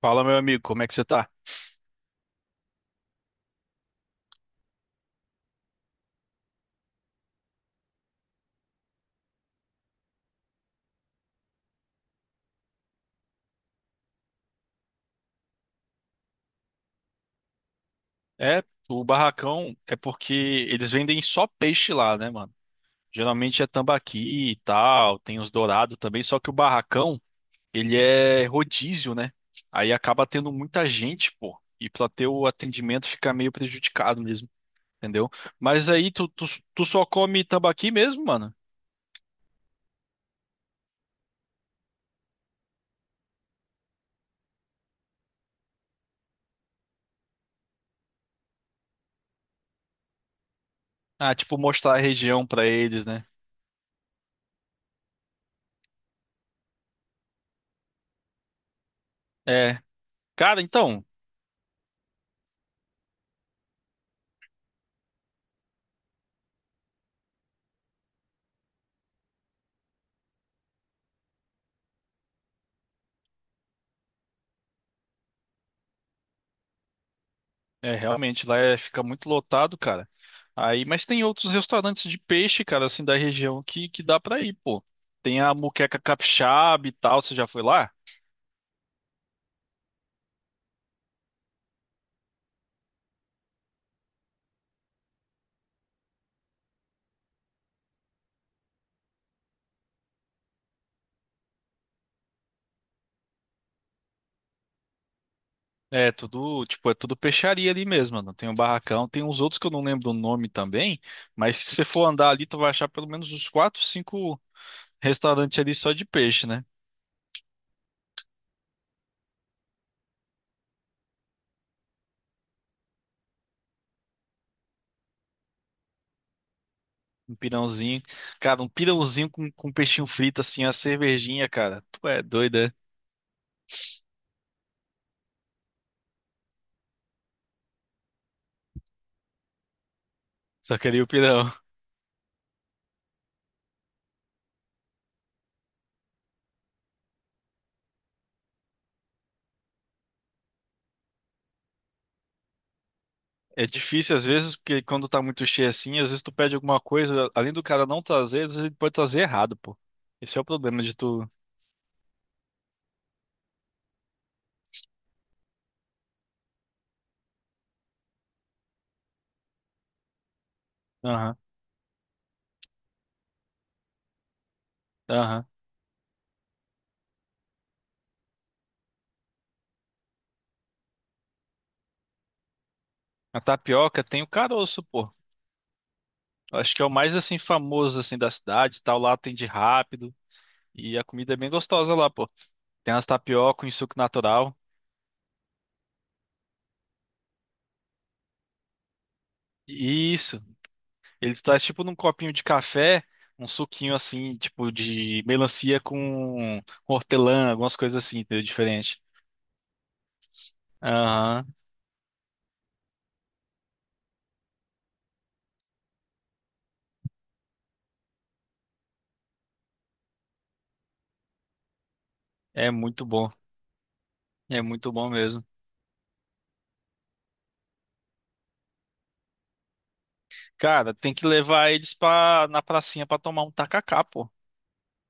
Fala, meu amigo, como é que você tá? É, o barracão é porque eles vendem só peixe lá, né, mano? Geralmente é tambaqui e tal, tem os dourados também, só que o barracão ele é rodízio, né? Aí acaba tendo muita gente, pô. E pra ter o atendimento fica meio prejudicado mesmo, entendeu? Mas aí tu só come tambaqui mesmo, mano? Ah, tipo, mostrar a região pra eles, né? É. Cara, então, é realmente lá fica muito lotado, cara. Aí, mas tem outros restaurantes de peixe, cara, assim, da região que dá pra ir, pô. Tem a Moqueca Capixaba e tal, você já foi lá? É tudo, tipo, é tudo peixaria ali mesmo, mano. Tem o barracão, tem uns outros que eu não lembro o nome também, mas se você for andar ali, tu vai achar pelo menos uns quatro, cinco restaurantes ali só de peixe, né? Um pirãozinho. Cara, um pirãozinho com peixinho frito, assim, a cervejinha, cara. Tu é doida, é? Só queria o pirão. É difícil às vezes, porque quando tá muito cheio assim, às vezes tu pede alguma coisa, além do cara não trazer, às vezes ele pode trazer errado, pô. Esse é o problema de tu. Aham, aham. A tapioca tem o caroço, pô. Eu acho que é o mais assim famoso assim da cidade, e tal, lá atende rápido e a comida é bem gostosa lá, pô. Tem umas tapioca em suco natural. E isso. Ele traz tipo num copinho de café, um suquinho assim, tipo de melancia com hortelã, algumas coisas assim, entendeu? Diferente. Aham. É muito bom. É muito bom mesmo. Cara, tem que levar eles pra, na pracinha pra tomar um tacacá, pô.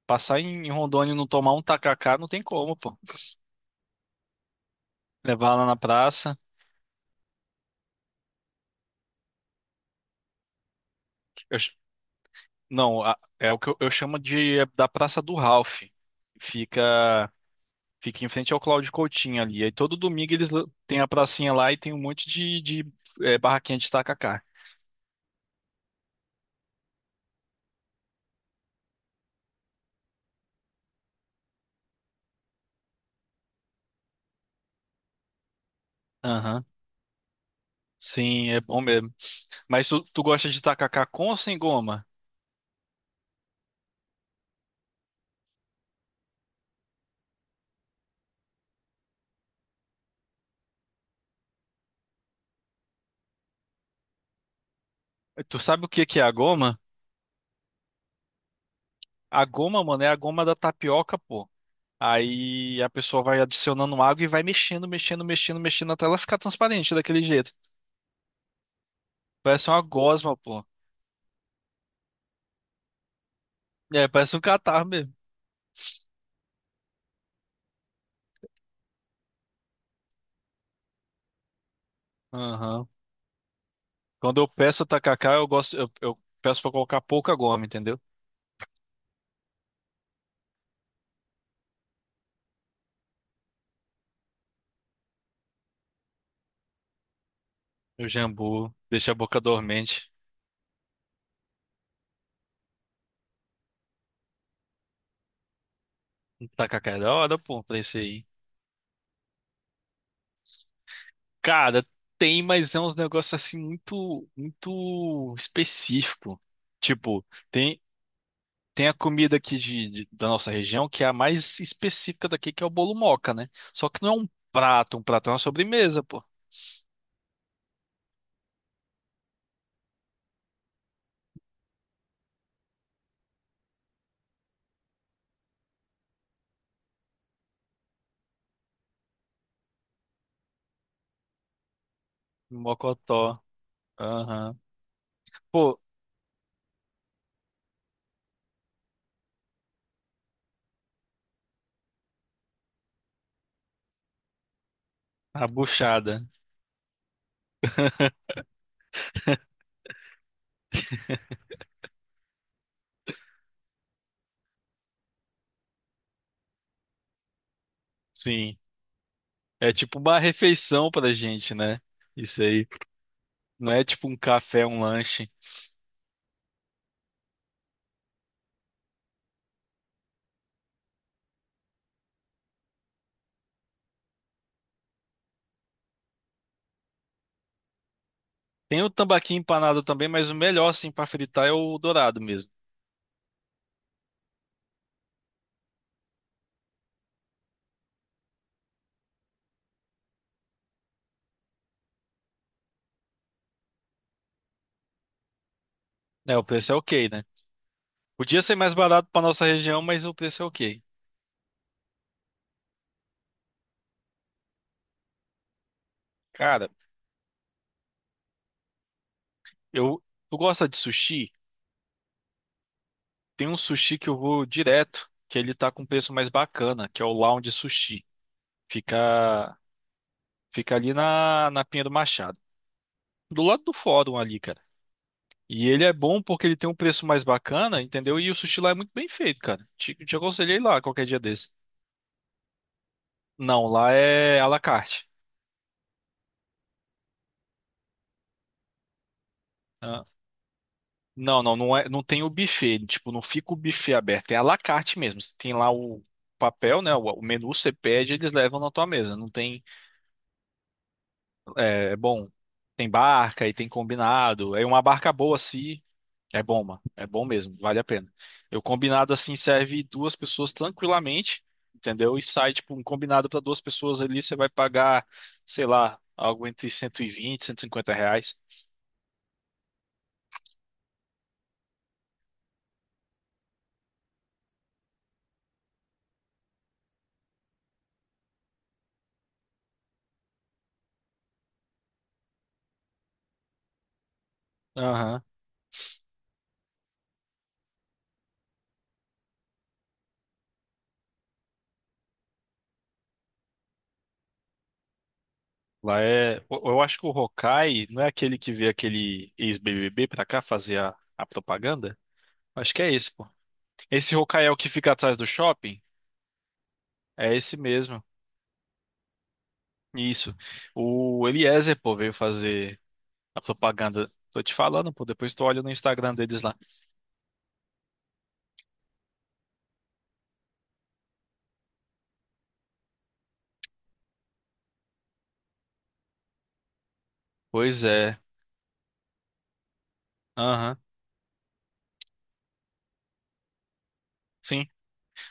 Passar em Rondônia e não tomar um tacacá não tem como, pô. Levar lá na praça. Eu- Não, é o que eu chamo de é da Praça do Ralph. Fica, fica em frente ao Cláudio Coutinho ali. Aí todo domingo eles têm a pracinha lá e tem um monte de barraquinha de tacacá. Aham. Sim, é bom mesmo. Mas tu gosta de tacacá com ou sem goma? Tu sabe o que que é a goma? A goma, mano, é a goma da tapioca, pô. Aí a pessoa vai adicionando água e vai mexendo, mexendo, mexendo, mexendo até ela ficar transparente daquele jeito. Parece uma gosma, pô. É, parece um catarro mesmo. Aham. Quando eu peço tacacá, eu gosto, eu peço pra colocar pouca goma, entendeu? O jambu deixa a boca dormente. O Tacacá é da hora, pô, pra esse aí. Cara, tem, mas é uns negócios assim muito, muito específico. Tipo, tem, tem a comida aqui de, da nossa região que é a mais específica daqui, que é o bolo moca, né? Só que não é um prato é uma sobremesa, pô. Mocotó. Aham. Pô, a buchada. Sim. É tipo uma refeição pra gente, né? Isso aí. Não é tipo um café, um lanche. Tem o tambaqui empanado também, mas o melhor, assim, pra fritar é o dourado mesmo. É, o preço é ok, né? Podia ser mais barato pra nossa região, mas o preço é ok. Cara, eu... Tu gosta de sushi? Tem um sushi que eu vou direto, que ele tá com preço mais bacana, que é o Lounge Sushi. Fica... Fica ali na, na Pinha do Machado. Do lado do fórum ali, cara. E ele é bom porque ele tem um preço mais bacana, entendeu? E o sushi lá é muito bem feito, cara. Te aconselhei lá qualquer dia desse. Não, lá é à la carte. Ah, não, não, não é, não tem o buffet. Tipo, não fica o buffet aberto. É à la carte mesmo. Você tem lá o papel, né? O menu você pede, eles levam na tua mesa. Não tem, é, é bom, tem barca e tem combinado. É uma barca boa assim. É bom, mano. É bom mesmo, vale a pena. Eu combinado assim serve duas pessoas tranquilamente, entendeu? E sai tipo um combinado para duas pessoas ali, você vai pagar, sei lá, algo entre 120, R$ 150. Aham. Lá é. Eu acho que o Hokkai não é aquele que vê aquele ex-BBB pra cá fazer a propaganda? Acho que é esse, pô. Esse Hokkai é o que fica atrás do shopping? É esse mesmo. Isso. O Eliezer, pô, veio fazer a propaganda. Tô te falando, pô. Depois tu olha no Instagram deles lá. Pois é. Aham. Sim.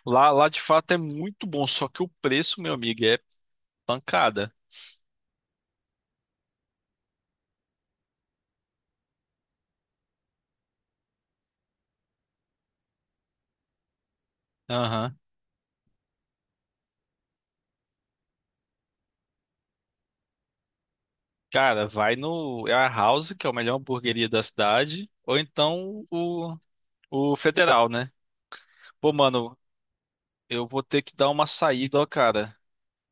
Lá, lá de fato é muito bom, só que o preço, meu amigo, é pancada. Aham. Cara, vai no a House, que é a melhor hamburgueria da cidade, ou então o Federal, né? Pô, mano, eu vou ter que dar uma saída, ó, cara.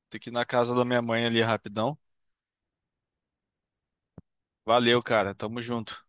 Tem que ir na casa da minha mãe ali rapidão. Valeu, cara. Tamo junto.